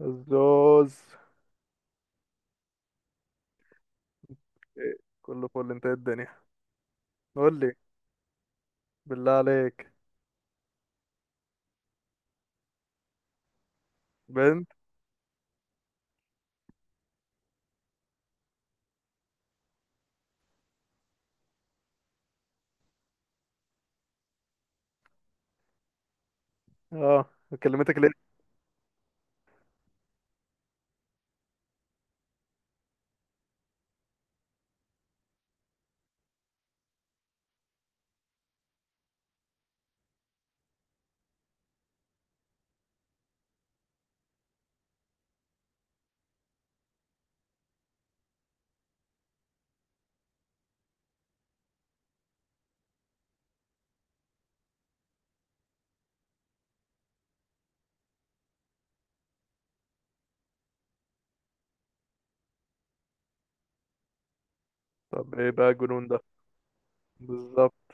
الزوز! إيه، كله فل. انت إيه الدنيا؟ قول لي، بالله عليك. بنت؟ اه. كلمتك ليه؟ طب ايه بقى الجنون ده؟ بالظبط.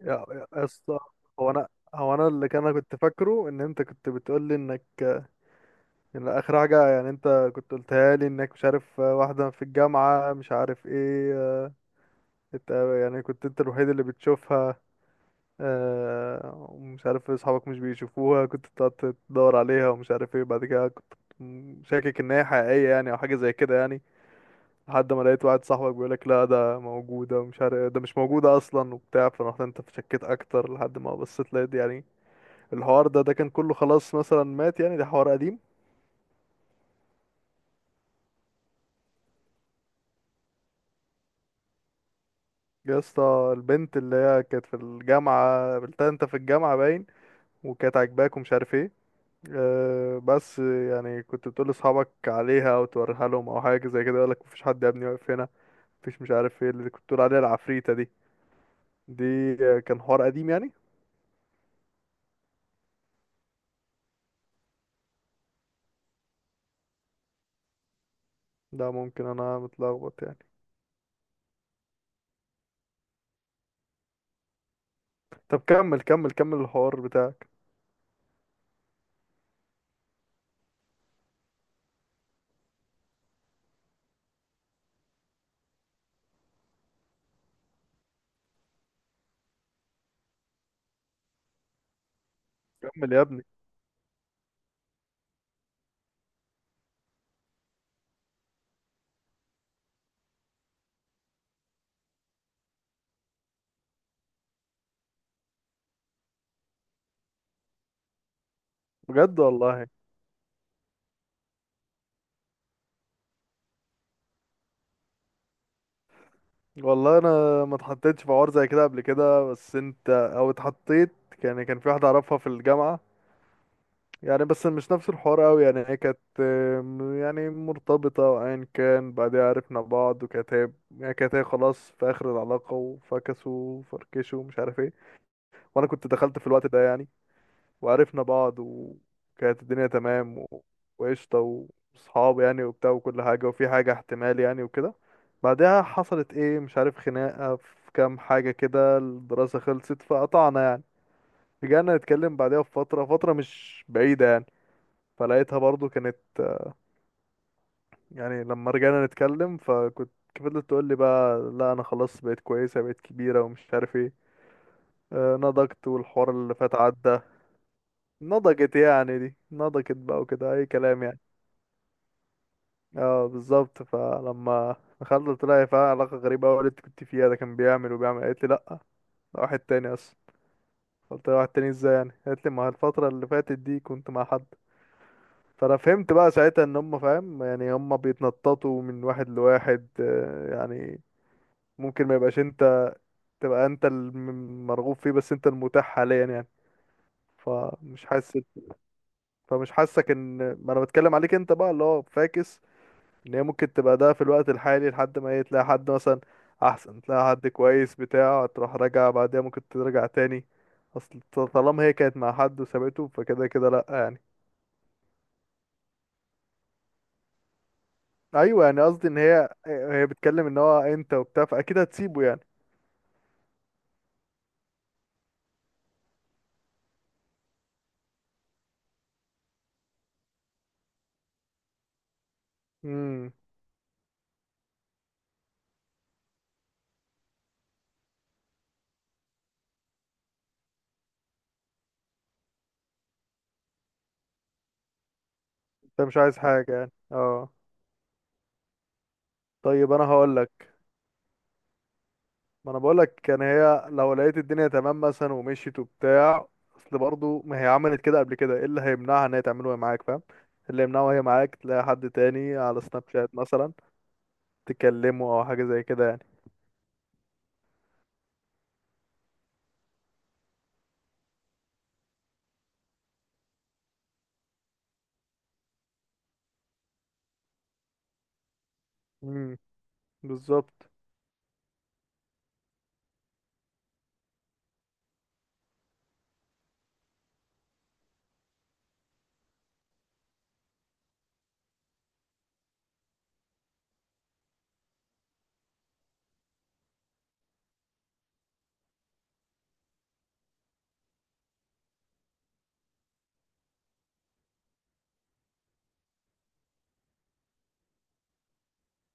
يا اسطى، هو انا هو انا انا كنت فاكره ان انت كنت بتقول لي ان اخر حاجه يعني انت كنت قلتها لي انك مش عارف واحده في الجامعه مش عارف ايه، انت يعني كنت انت الوحيد اللي بتشوفها، ومش عارف إيه، اصحابك مش بيشوفوها، كنت بتقعد تدور عليها ومش عارف ايه. بعد كده كنت شاكك ان هي حقيقية يعني او حاجة زي كده يعني، لحد ما لقيت واحد صاحبك بيقولك لا ده موجودة ومش عارف إيه، ده مش موجودة اصلا وبتاع، فرحت انت شكيت اكتر لحد ما بصيت لقيت يعني الحوار ده كان كله خلاص مثلا مات يعني، ده حوار قديم. يا اسطى البنت اللي هي كانت في الجامعة قابلتها انت في الجامعة باين، وكانت عاجباك ومش عارف ايه. بس يعني كنت بتقول لاصحابك عليها او توريها لهم او حاجه زي كده، يقولك مفيش حد يا ابني واقف هنا، مفيش. مش عارف ايه اللي كنت بتقول عليها، العفريته دي كان حوار قديم يعني. ده ممكن انا متلخبط يعني. طب كمل كمل كمل الحوار بتاعك. كمل يا ابني. بجد والله. والله انا ما اتحطيتش في حوار زي كده قبل كده، بس انت، او اتحطيت يعني. كان في واحده اعرفها في الجامعه يعني، بس مش نفس الحوار قوي يعني، هي كانت يعني مرتبطة، وأيا كان بعدها عرفنا بعض، وكانت هي يعني كانت هي خلاص في آخر العلاقة وفكسوا وفركشوا ومش عارف ايه. وأنا كنت دخلت في الوقت ده يعني، وعرفنا بعض، وكانت الدنيا تمام وقشطة، وصحاب يعني وبتاع وكل حاجة، وفي حاجة احتمال يعني وكده. بعدها حصلت ايه، مش عارف، خناقة في كام حاجة كده، الدراسة خلصت فقطعنا يعني. رجعنا نتكلم بعدها بفترة، فترة مش بعيدة يعني، فلقيتها برضو كانت يعني، لما رجعنا نتكلم، فكنت فضلت تقول لي بقى لا انا خلاص بقيت كويسه، بقيت كبيره ومش عارف ايه، نضجت والحوار اللي فات عدى. نضجت يعني، دي نضجت بقى وكده اي كلام يعني. اه بالظبط. فلما دخلت طلع فيها علاقه غريبه قوي، اللي انت كنت فيها ده كان بيعمل وبيعمل، قالت لي لا ده واحد تاني اصلا. قلت لها واحد تاني ازاي يعني، قالت لي ما الفتره اللي فاتت دي كنت مع حد. فانا فهمت بقى ساعتها ان هم فاهم يعني، هم بيتنططوا من واحد لواحد يعني. ممكن ما يبقاش انت، تبقى انت المرغوب فيه، بس انت المتاح حاليا يعني. فمش حاسس فمش حاسك ان ما انا بتكلم عليك انت بقى اللي هو فاكس. ان هي ممكن تبقى ده في الوقت الحالي لحد ما ايه، تلاقي حد مثلا، احسن، تلاقي حد كويس بتاع، تروح راجع بعدها، ممكن ترجع تاني. اصل طالما هي كانت مع حد وسابته، فكده كده لا يعني. ايوه يعني قصدي ان هي بتتكلم ان هو انت وبتاع، فاكيد هتسيبه يعني. امم انت مش عايز حاجه يعني اه. طيب انا هقول لك. ما انا بقولك، كان هي لو لقيت الدنيا تمام مثلا ومشيت وبتاع، اصل برضه ما هي عملت كده قبل كده، ايه اللي هيمنعها ان هي تعمله وهي معاك؟ فاهم إيه اللي يمنعه وهي معاك تلاقي حد تاني على سناب شات مثلا، تكلمه او حاجه زي كده يعني. امم بالظبط.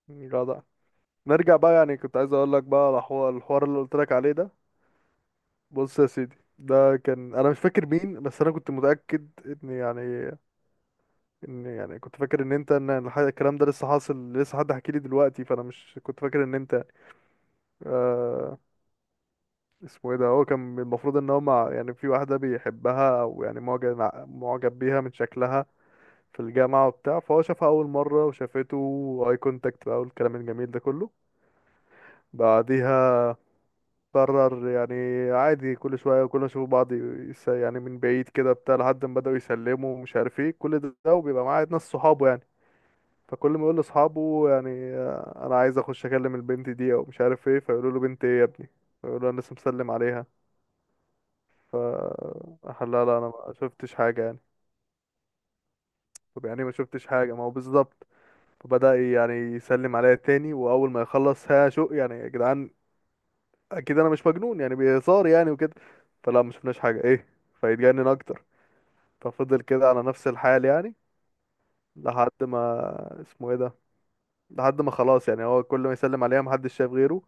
جدع. نرجع بقى يعني، كنت عايز اقول لك بقى على الحوار اللي قلت لك عليه ده. بص يا سيدي، ده كان، انا مش فاكر مين، بس انا كنت متاكد ان يعني كنت فاكر ان انت، ان الكلام ده لسه حاصل، لسه حد حكي لي دلوقتي، فانا مش كنت فاكر ان انت، آه اسمه ايه ده، هو كان المفروض ان هو مع يعني، في واحدة بيحبها او يعني معجب بيها من شكلها في الجامعة وبتاع، فهو شافها أول مرة وشافته، واي كونتاكت بقى والكلام الجميل ده كله. بعديها قرر يعني، عادي كل شوية، كل ما يشوفوا بعض يعني من بعيد كده بتاع، لحد ما بدأوا يسلموا ومش عارف ايه كل ده، وبيبقى معاه ناس صحابه يعني، فكل ما يقول لأصحابه يعني أنا عايز أخش أكلم البنت دي أو مش عارف ايه، فيقولوا له بنت ايه يا ابني، فيقولوا له أنا لسه مسلم عليها. ف لا لا انا ما شفتش حاجه يعني. طب يعني إيه ما شفتش حاجه، ما هو بالظبط. فبدأ يعني يسلم عليا تاني، واول ما يخلص ها شو يعني يا جدعان، اكيد انا مش مجنون يعني، بهزار يعني وكده، فلا ما شفناش حاجه ايه. فيتجنن اكتر، ففضل كده على نفس الحال يعني، لحد ما اسمه ايه ده، لحد ما خلاص يعني هو كل ما يسلم عليها محدش شايف غيره.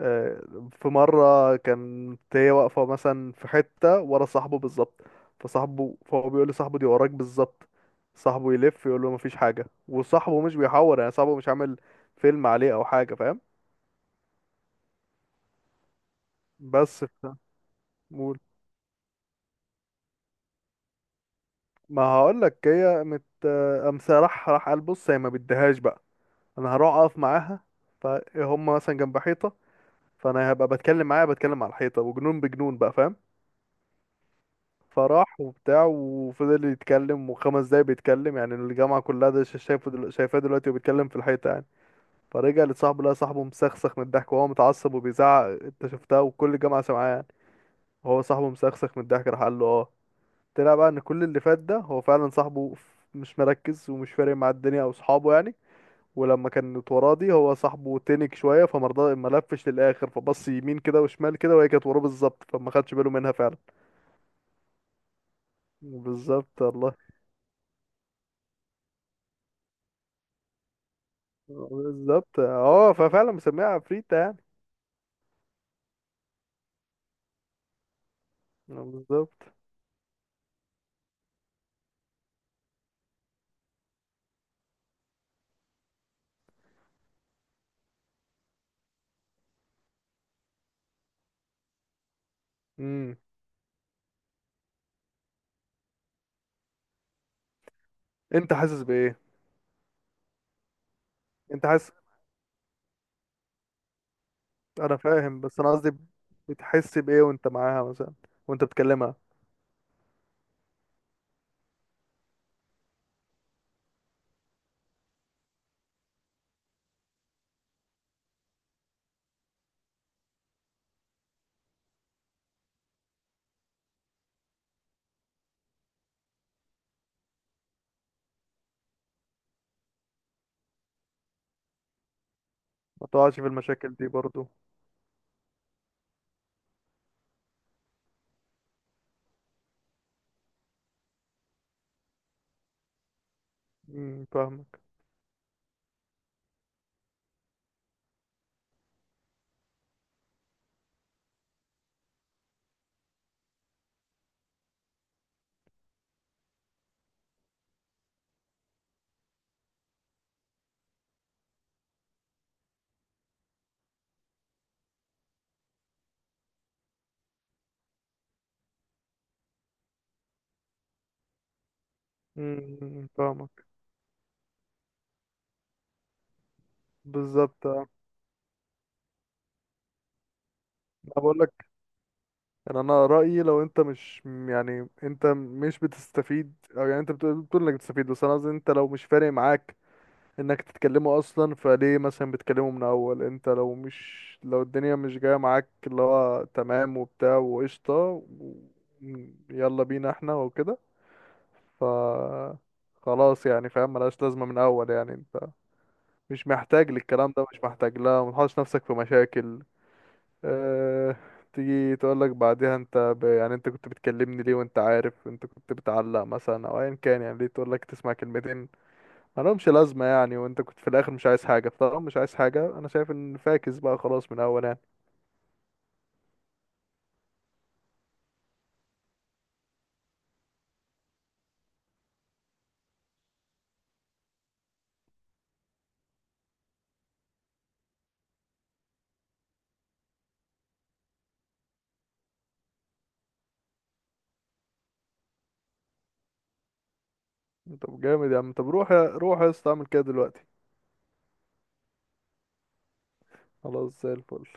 آه، في مرة كانت هي واقفة مثلا في حتة ورا صاحبه بالظبط، فهو بيقول لصاحبه دي وراك بالظبط، صاحبه يلف يقول له مفيش حاجة، وصاحبه مش بيحور يعني، صاحبه مش عامل فيلم عليه أو حاجة، فاهم. بس ف- مول- ما هقولك، هي مت، قام راح قال بص، هي ما بديهاش بقى، أنا هروح أقف معاها. فهم مثلا جنب حيطة، فأنا هبقى بتكلم معاها، بتكلم على الحيطة، وجنون بجنون بقى فاهم. فراح وبتاع وفضل يتكلم وخمس دقايق بيتكلم يعني، الجامعة كلها ده شايفاه دلوقتي وبيتكلم في الحيطة يعني. فرجع لصاحبه لقى صاحبه مسخسخ من الضحك، وهو متعصب وبيزعق انت شفتها وكل الجامعة سامعاه يعني، وهو صاحبه مسخسخ من الضحك، راح قال له اه. طلع بقى ان كل اللي فات ده هو فعلا صاحبه مش مركز ومش فارق مع الدنيا او صحابه يعني. ولما كانت وراه دي هو صاحبه تنك شوية، فمرضى ما لفش للآخر، فبص يمين كده وشمال كده، وهي كانت وراه بالظبط، فما خدش باله منها فعلا. بالظبط، الله، بالظبط. اه ففعلا مسميها عفريتة يعني. بالظبط. امم انت حاسس بايه؟ انت حاسس. انا فاهم بس انا قصدي، بتحس بايه وانت معاها مثلا، وانت بتكلمها؟ ما تقعش في المشاكل دي برضو. فاهمك. فاهمك. بالظبط. آه. انا بقول لك، ان انا رايي، لو انت مش يعني انت مش بتستفيد، او يعني انت بتقول انك بتستفيد، بس انا قصدي انت لو مش فارق معاك انك تتكلموا اصلا، فليه مثلا بتكلموا من اول؟ انت لو الدنيا مش جايه معاك اللي هو تمام وبتاع وقشطه و- يلا بينا احنا وكده، ف خلاص يعني فاهم، ملهاش لازمه من اول يعني. انت مش محتاج للكلام ده مش محتاج، لا متحطش نفسك في مشاكل. اه... تيجي تقولك بعدها، يعني انت كنت بتكلمني ليه وانت عارف؟ انت كنت بتعلق مثلا او ايا كان يعني، ليه تقولك تسمع كلمتين مالهمش لازمة يعني وانت كنت في الاخر مش عايز حاجة؟ فطالما مش عايز حاجة انا شايف ان فاكس بقى خلاص من اول يعني. طب جامد يا عم. طب روح يا اسطى اعمل كده دلوقتي. خلاص زي الفل.